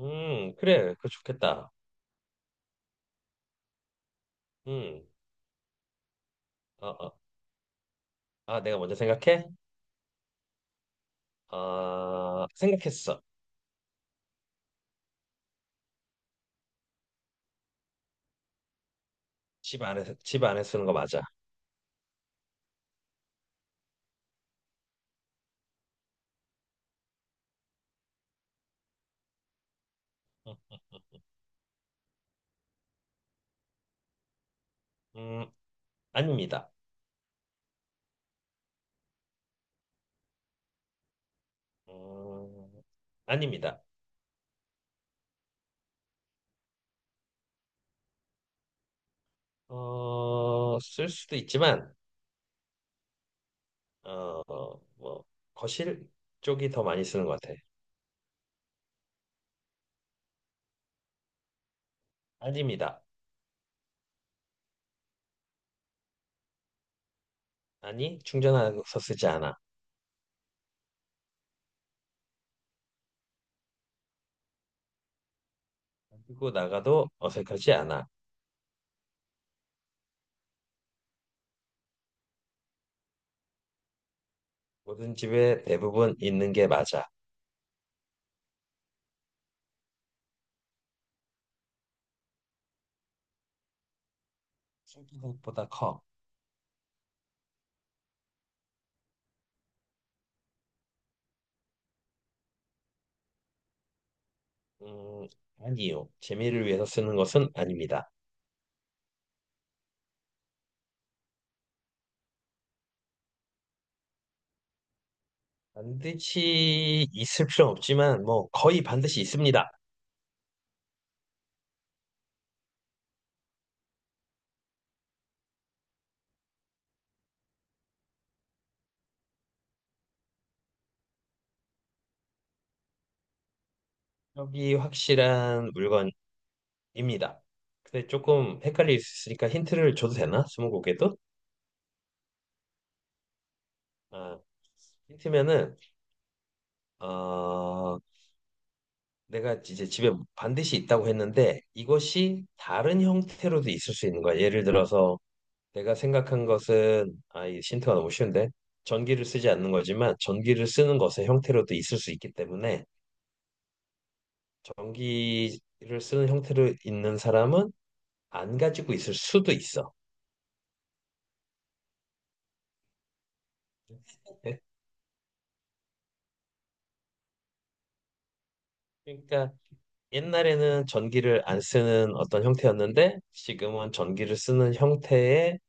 그래, 그거 좋겠다. 음, 어, 어. 아, 내가 먼저 생각해? 아, 생각했어. 집 안에 쓰는 거 맞아. 어, 음, 아닙니다. 음, 아닙니다. 쓸 수도 있지만, 어, 뭐, 거실 쪽이 더 많이 쓰는 것 같아. 아닙니다. 아니, 충전해서 쓰지 않아. 그리고 나가도 어색하지 않아. 모든 집에 대부분 있는 게 맞아. 생각보다 커. 음, 아니요. 재미를 위해서 쓰는 것은 아닙니다. 반드시 있을 필요는 없지만, 뭐, 거의 반드시 있습니다. 여기 확실한 물건입니다. 근데 조금 헷갈릴 수 있으니까 힌트를 줘도 되나? 스무고개도? 아, 힌트면은, 어, 내가 이제 집에 반드시 있다고 했는데, 이것이 다른 형태로도 있을 수 있는 거야. 예를 들어서, 내가 생각한 것은 이 힌트가 너무 쉬운데 전기를 쓰지 않는 거지만 전기를 쓰는 것의 형태로도 있을 수 있기 때문에 전기를 쓰는 형태로 있는 사람은 안 가지고 있을 수도 있어. 예? 그러니까 옛날에는 전기를 안 쓰는 어떤 형태였는데 지금은 전기를 쓰는 형태의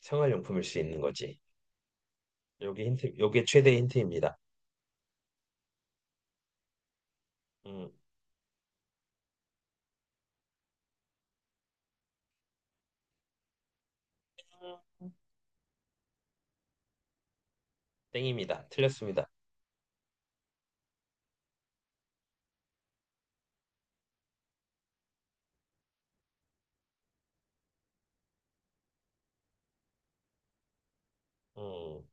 생활용품일 수 있는 거지. 요게 힌트, 요게 최대의 힌트입니다. 음, 땡입니다. 틀렸습니다. 음,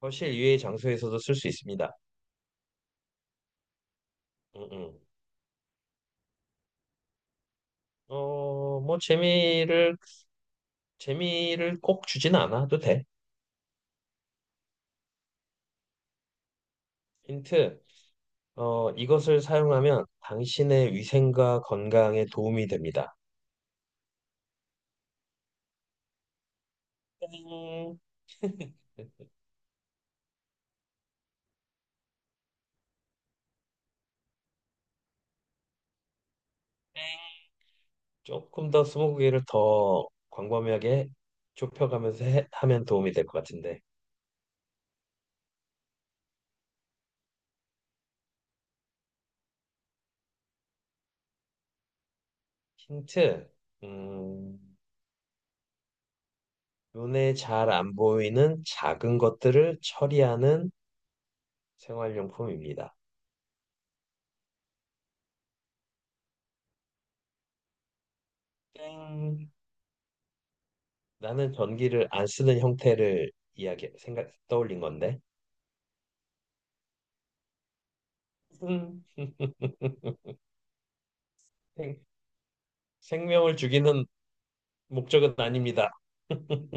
거실 이외의 장소에서도 쓸 수 있습니다. 음, 음. 뭐 재미를 꼭 주진 않아도 돼. 힌트. 이것을 사용하면 당신의 위생과 건강에 도움이 됩니다. 땡. 조금 더 스무고개를 더 광범위하게 좁혀가면서 하면 도움이 될 것 같은데. 힌트. 음, 눈에 잘 안 보이는 작은 것들을 처리하는 생활용품입니다. 땡. 나는 전기를 안 쓰는 형태를 이야기 생각 떠올린 건데 음. 생- 생명을 죽이는 목적은 아닙니다.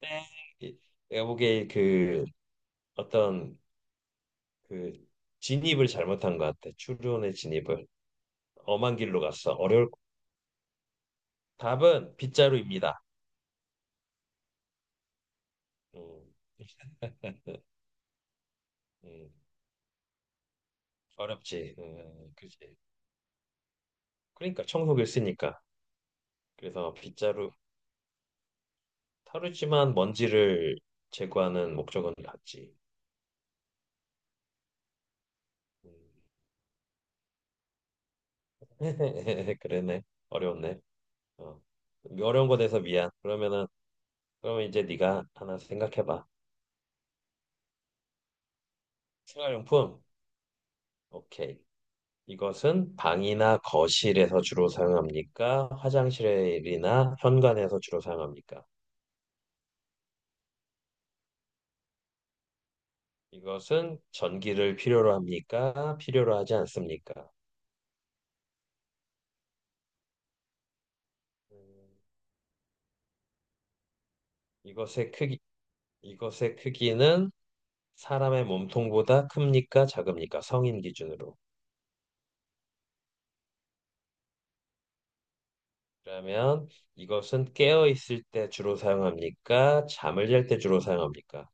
네. 이- 내가 보기에 그 어떤 그 진입을 잘못한 것 같아. 추론의 진입을 엄한 길로 갔어. 어려울 답은 빗자루입니다. 음, 음, 어렵지. 그지. 그러니까 청소기를 쓰니까 그래서 빗자루 타르지만 먼지를 제거하는 목적은 같지. 음. 그러네. 어려웠네. 어. 어려운 거 돼서 미안. 그러면 이제 네가 하나 생각해 봐. 생활용품. 오케이. 이것은 방이나 거실에서 주로 사용합니까? 화장실이나 현관에서 주로 사용합니까? 이것은 전기를 필요로 합니까? 필요로 하지 않습니까? 음, 이것의 크기 이것의 크기는 사람의 몸통보다 큽니까? 작습니까? 성인 기준으로. 그러면 이것은 깨어 있을 때 주로 사용합니까? 잠을 잘 때 주로 사용합니까?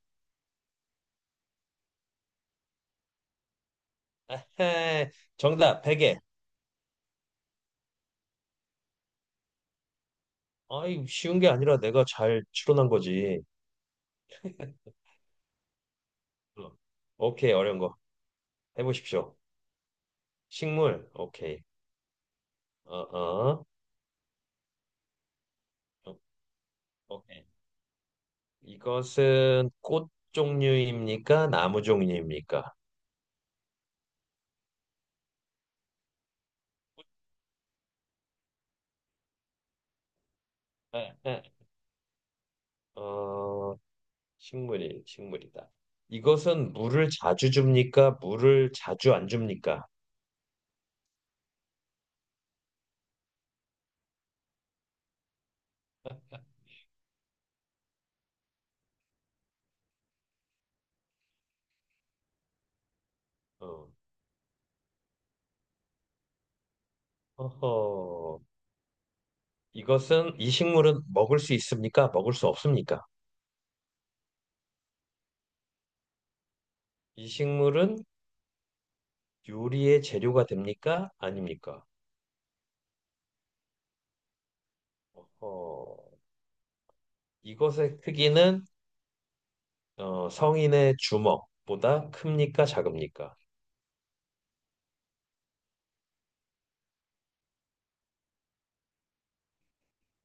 에헤, 정답 베개. 아이 쉬운 게 아니라 내가 잘 추론한 거지. 어, 오케이, 어려운 거 해보십시오. 식물, 오케이. 어어, 어, 어, 오케이. 이것은 꽃 종류입니까? 나무 종류입니까? 에어 식물이 식물이다. 이것은 물을 자주 줍니까? 물을 자주 안 줍니까? 어. 어허, 이것은 이 식물은 먹을 수 있습니까? 먹을 수 없습니까? 이 식물은 요리의 재료가 됩니까? 아닙니까? 어허, 이것의 크기는 성인의 주먹보다 큽니까? 작습니까?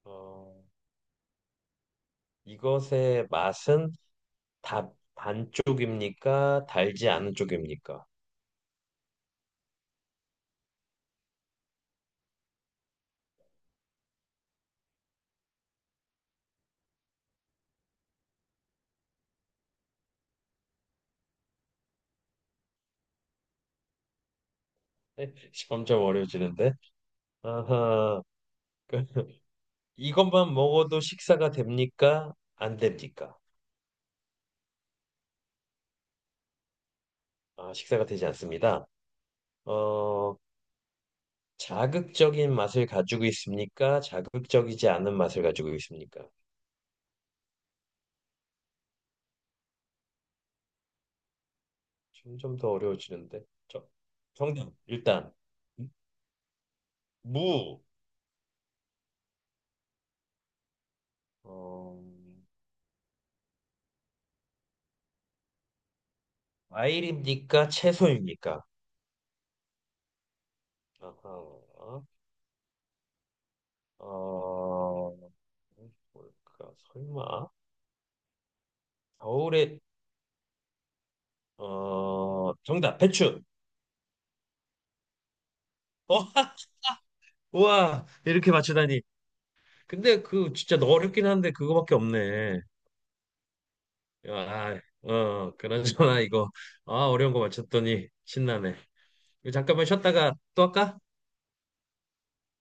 어, 이것의 맛은 다 반쪽입니까? 달지 않은 쪽입니까? 점점 어려워지는데. 아하, 그, 이것만 먹어도 식사가 됩니까? 안 됩니까? 아, 식사가 되지 않습니다. 어, 자극적인 맛을 가지고 있습니까? 자극적이지 않은 맛을 가지고 있습니까? 점점 더 어려워지는데. 저, 정답, 일단. 무. 어, 과일입니까? 채소입니까? 아하. 어, 뭘까? 설마? 겨울에, 정답, 배추. 어, 우와, 이렇게 맞추다니. 근데 그 진짜 어렵긴 한데 그거밖에 없네. 아, 그런저나 이거, 아, 어려운 거 맞췄더니 신나네. 이거 잠깐만 쉬었다가 또 할까?